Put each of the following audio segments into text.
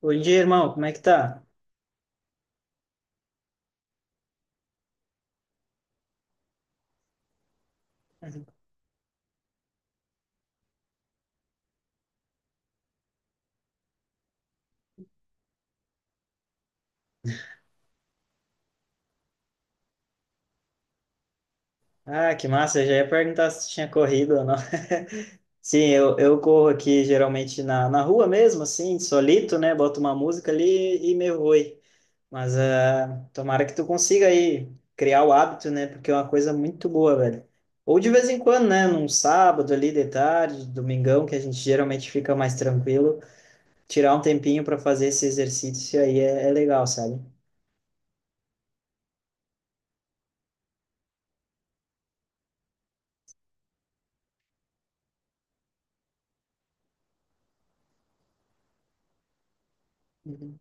Bom dia, irmão. Como é que tá? Ah, que massa. Eu já ia perguntar se tinha corrido ou não. Sim, eu corro aqui geralmente na rua mesmo, assim, solito, né? Boto uma música ali e me vou. Mas ah, tomara que tu consiga aí criar o hábito, né? Porque é uma coisa muito boa, velho. Ou de vez em quando, né? Num sábado ali de tarde, domingão, que a gente geralmente fica mais tranquilo, tirar um tempinho para fazer esse exercício aí é legal, sabe? Uhum.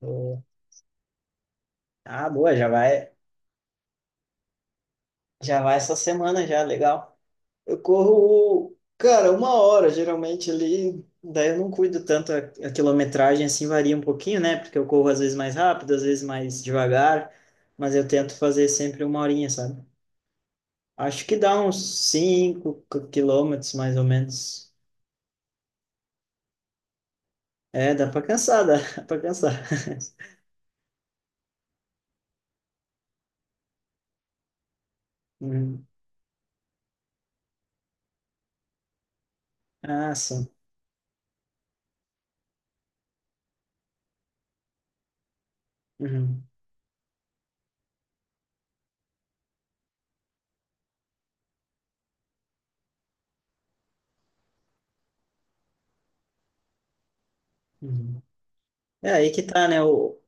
Boa. Ah, boa, já vai. Já vai essa semana já, legal. Eu corro, cara, uma hora geralmente ali, daí eu não cuido tanto a quilometragem, assim varia um pouquinho, né? Porque eu corro às vezes mais rápido, às vezes mais devagar, mas eu tento fazer sempre uma horinha, sabe? Acho que dá uns 5 quilômetros mais ou menos. É, dá pra cansar, dá dá pra cansar. Uhum. Ah, sim. Uhum. Uhum. É aí que tá, né?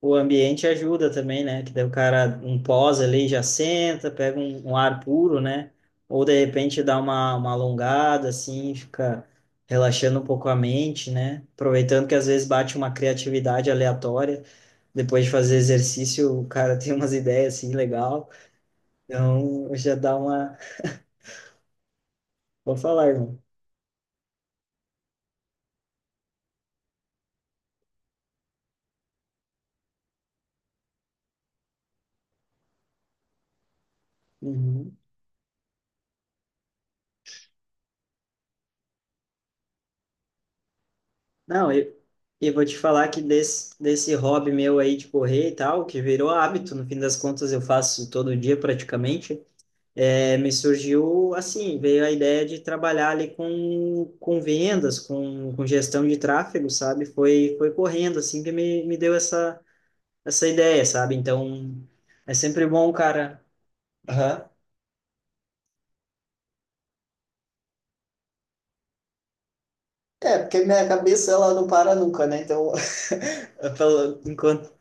O ambiente ajuda também, né? Que daí o cara, um pós ali, já senta, pega um ar puro, né? Ou de repente dá uma alongada, assim, fica relaxando um pouco a mente, né? Aproveitando que às vezes bate uma criatividade aleatória. Depois de fazer exercício, o cara tem umas ideias, assim, legal. Então, já dá uma... Vou falar, irmão. Uhum. Não, eu vou te falar que desse hobby meu aí de correr e tal, que virou hábito, no fim das contas eu faço todo dia praticamente, é, me surgiu assim, veio a ideia de trabalhar ali com vendas, com gestão de tráfego, sabe? Foi correndo assim que me deu essa ideia, sabe? Então, é sempre bom, cara. Aham. É, porque minha cabeça ela não para nunca, né? Então, Eu Enquanto,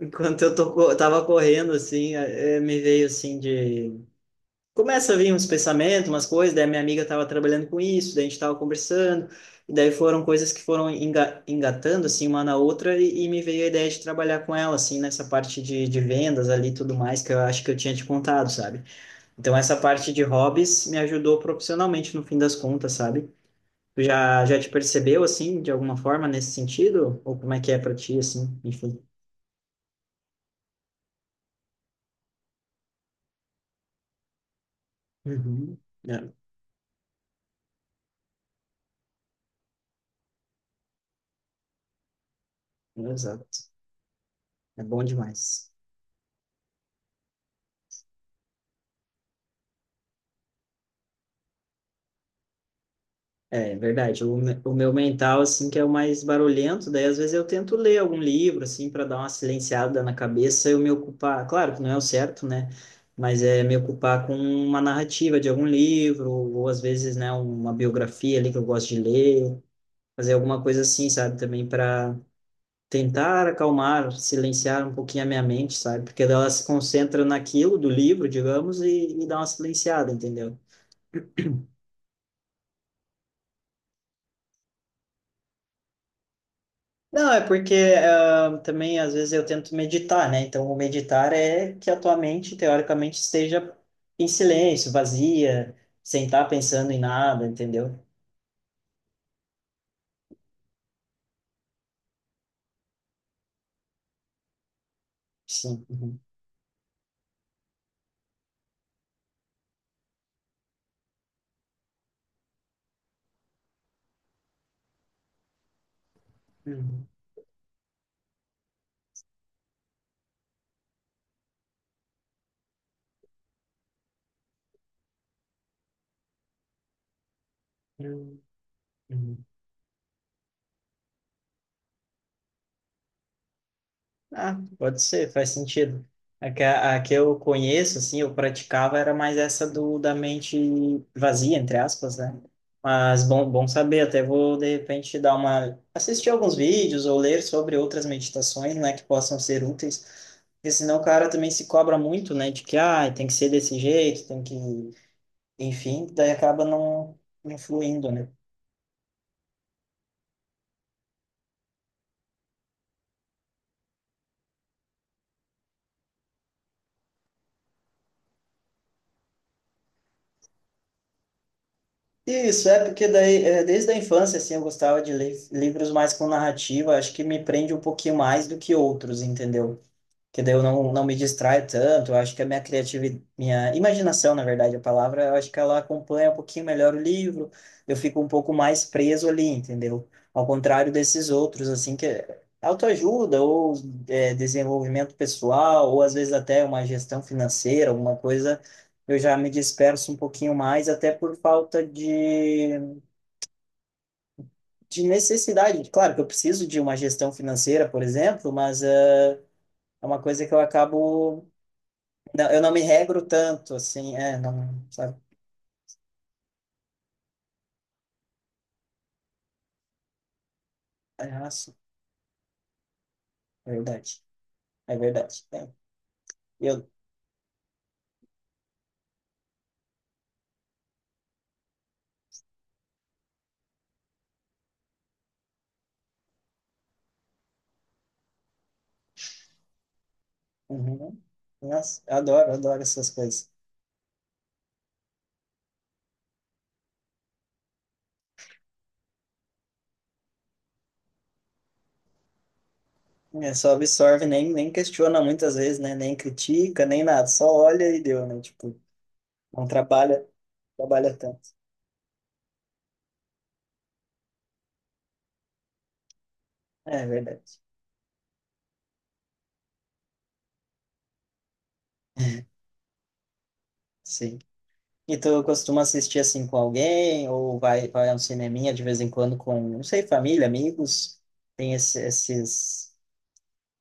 enquanto eu tô, tava correndo, assim, me veio assim de começa a vir uns pensamentos, umas coisas, daí a minha amiga estava trabalhando com isso, daí a gente estava conversando, e daí foram coisas que foram engatando, assim, uma na outra, e me veio a ideia de trabalhar com ela, assim, nessa parte de vendas ali e tudo mais, que eu acho que eu tinha te contado, sabe? Então, essa parte de hobbies me ajudou profissionalmente, no fim das contas, sabe? Tu já te percebeu, assim, de alguma forma, nesse sentido? Ou como é que é para ti, assim, enfim? Uhum. É, exato. É bom demais. É, é verdade. O, o meu mental, assim, que é o mais barulhento, daí às vezes eu tento ler algum livro, assim, para dar uma silenciada na cabeça, eu me ocupar, claro que não é o certo, né? Mas é me ocupar com uma narrativa de algum livro, ou às vezes, né, uma biografia ali que eu gosto de ler, fazer alguma coisa assim, sabe? Também para tentar acalmar, silenciar um pouquinho a minha mente, sabe? Porque ela se concentra naquilo do livro, digamos, e dá uma silenciada, entendeu? Não, é porque ah, também às vezes eu tento meditar, né? Então, o meditar é que a tua mente, teoricamente, esteja em silêncio, vazia, sem estar pensando em nada, entendeu? Sim. Uhum. Uhum. Uhum. Uhum. Ah, pode ser, faz sentido. A que eu conheço, assim, eu praticava era mais essa do da mente vazia, entre aspas, né? Mas bom, bom saber, até vou de repente dar uma assistir alguns vídeos ou ler sobre outras meditações, né, que possam ser úteis. Porque senão o cara também se cobra muito, né? De que, ah, tem que ser desse jeito, tem que... Enfim, daí acaba não influindo, né? Isso, é porque daí, é, desde a infância, assim, eu gostava de ler livros mais com narrativa, acho que me prende um pouquinho mais do que outros, entendeu? Que daí eu não me distrai tanto. Eu acho que a minha criatividade, minha imaginação, na verdade, a palavra, eu acho que ela acompanha um pouquinho melhor o livro. Eu fico um pouco mais preso ali, entendeu? Ao contrário desses outros, assim, que é autoajuda ou é, desenvolvimento pessoal, ou às vezes até uma gestão financeira, alguma coisa, eu já me disperso um pouquinho mais, até por falta de necessidade. Claro que eu preciso de uma gestão financeira, por exemplo, mas eh, é uma coisa que eu acabo. Não, eu não me regro tanto, assim, é, não, sabe? É sim, é verdade, é verdade. É. Eu, uhum. Nossa, eu adoro essas coisas. É, só absorve, nem questiona muitas vezes, né? Nem critica, nem nada, só olha e deu, né? Tipo, não trabalha, trabalha tanto. É verdade, sim. E tu costuma assistir assim com alguém, ou vai a um cineminha de vez em quando com, não sei, família, amigos? Tem esses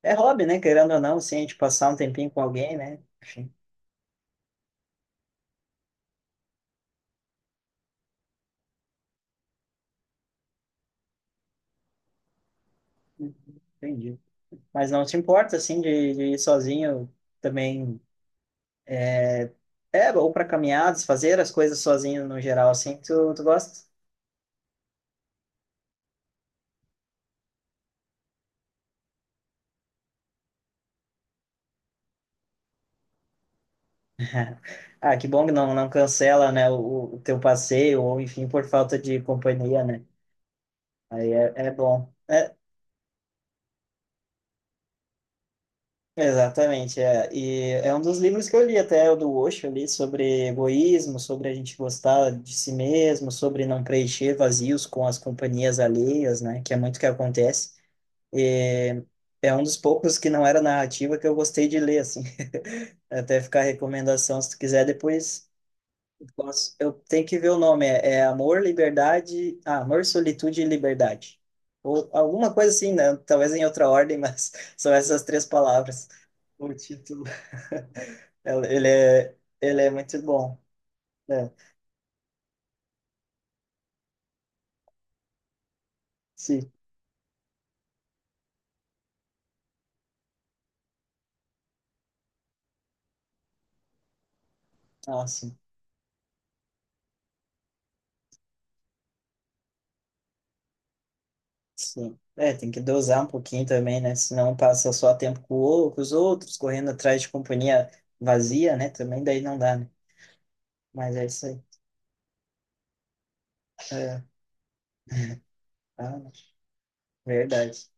é hobby, né? Querendo ou não, assim, a gente passar um tempinho com alguém, né? Enfim, entendi. Mas não te importa, assim, de ir sozinho também. É, ou para caminhadas, fazer as coisas sozinho no geral, assim, tu gosta? Ah, que bom que não cancela, né, o teu passeio, ou enfim, por falta de companhia, né? Aí é, é bom. É, exatamente, é. E é um dos livros que eu li até, o do Osho ali, sobre egoísmo, sobre a gente gostar de si mesmo, sobre não preencher vazios com as companhias alheias, né, que é muito que acontece. E é um dos poucos que não era narrativa que eu gostei de ler, assim. Até ficar a recomendação, se tu quiser depois. Nossa, eu tenho que ver o nome. É, é Amor, Liberdade. Ah, Amor, Solitude e Liberdade. Ou alguma coisa assim, né? Talvez em outra ordem, mas são essas três palavras. O título. Ele é muito bom, né? Sim. Ah, sim. Sim. É, tem que dosar um pouquinho também, né? Senão passa só tempo com, com os outros, correndo atrás de companhia vazia, né? Também daí não dá, né? Mas é isso aí. É, ah, verdade.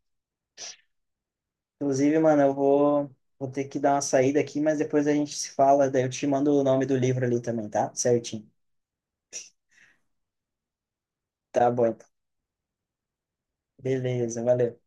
Inclusive, mano, eu vou, vou ter que dar uma saída aqui, mas depois a gente se fala, daí eu te mando o nome do livro ali também, tá? Certinho. Tá bom, então. Beleza, valeu.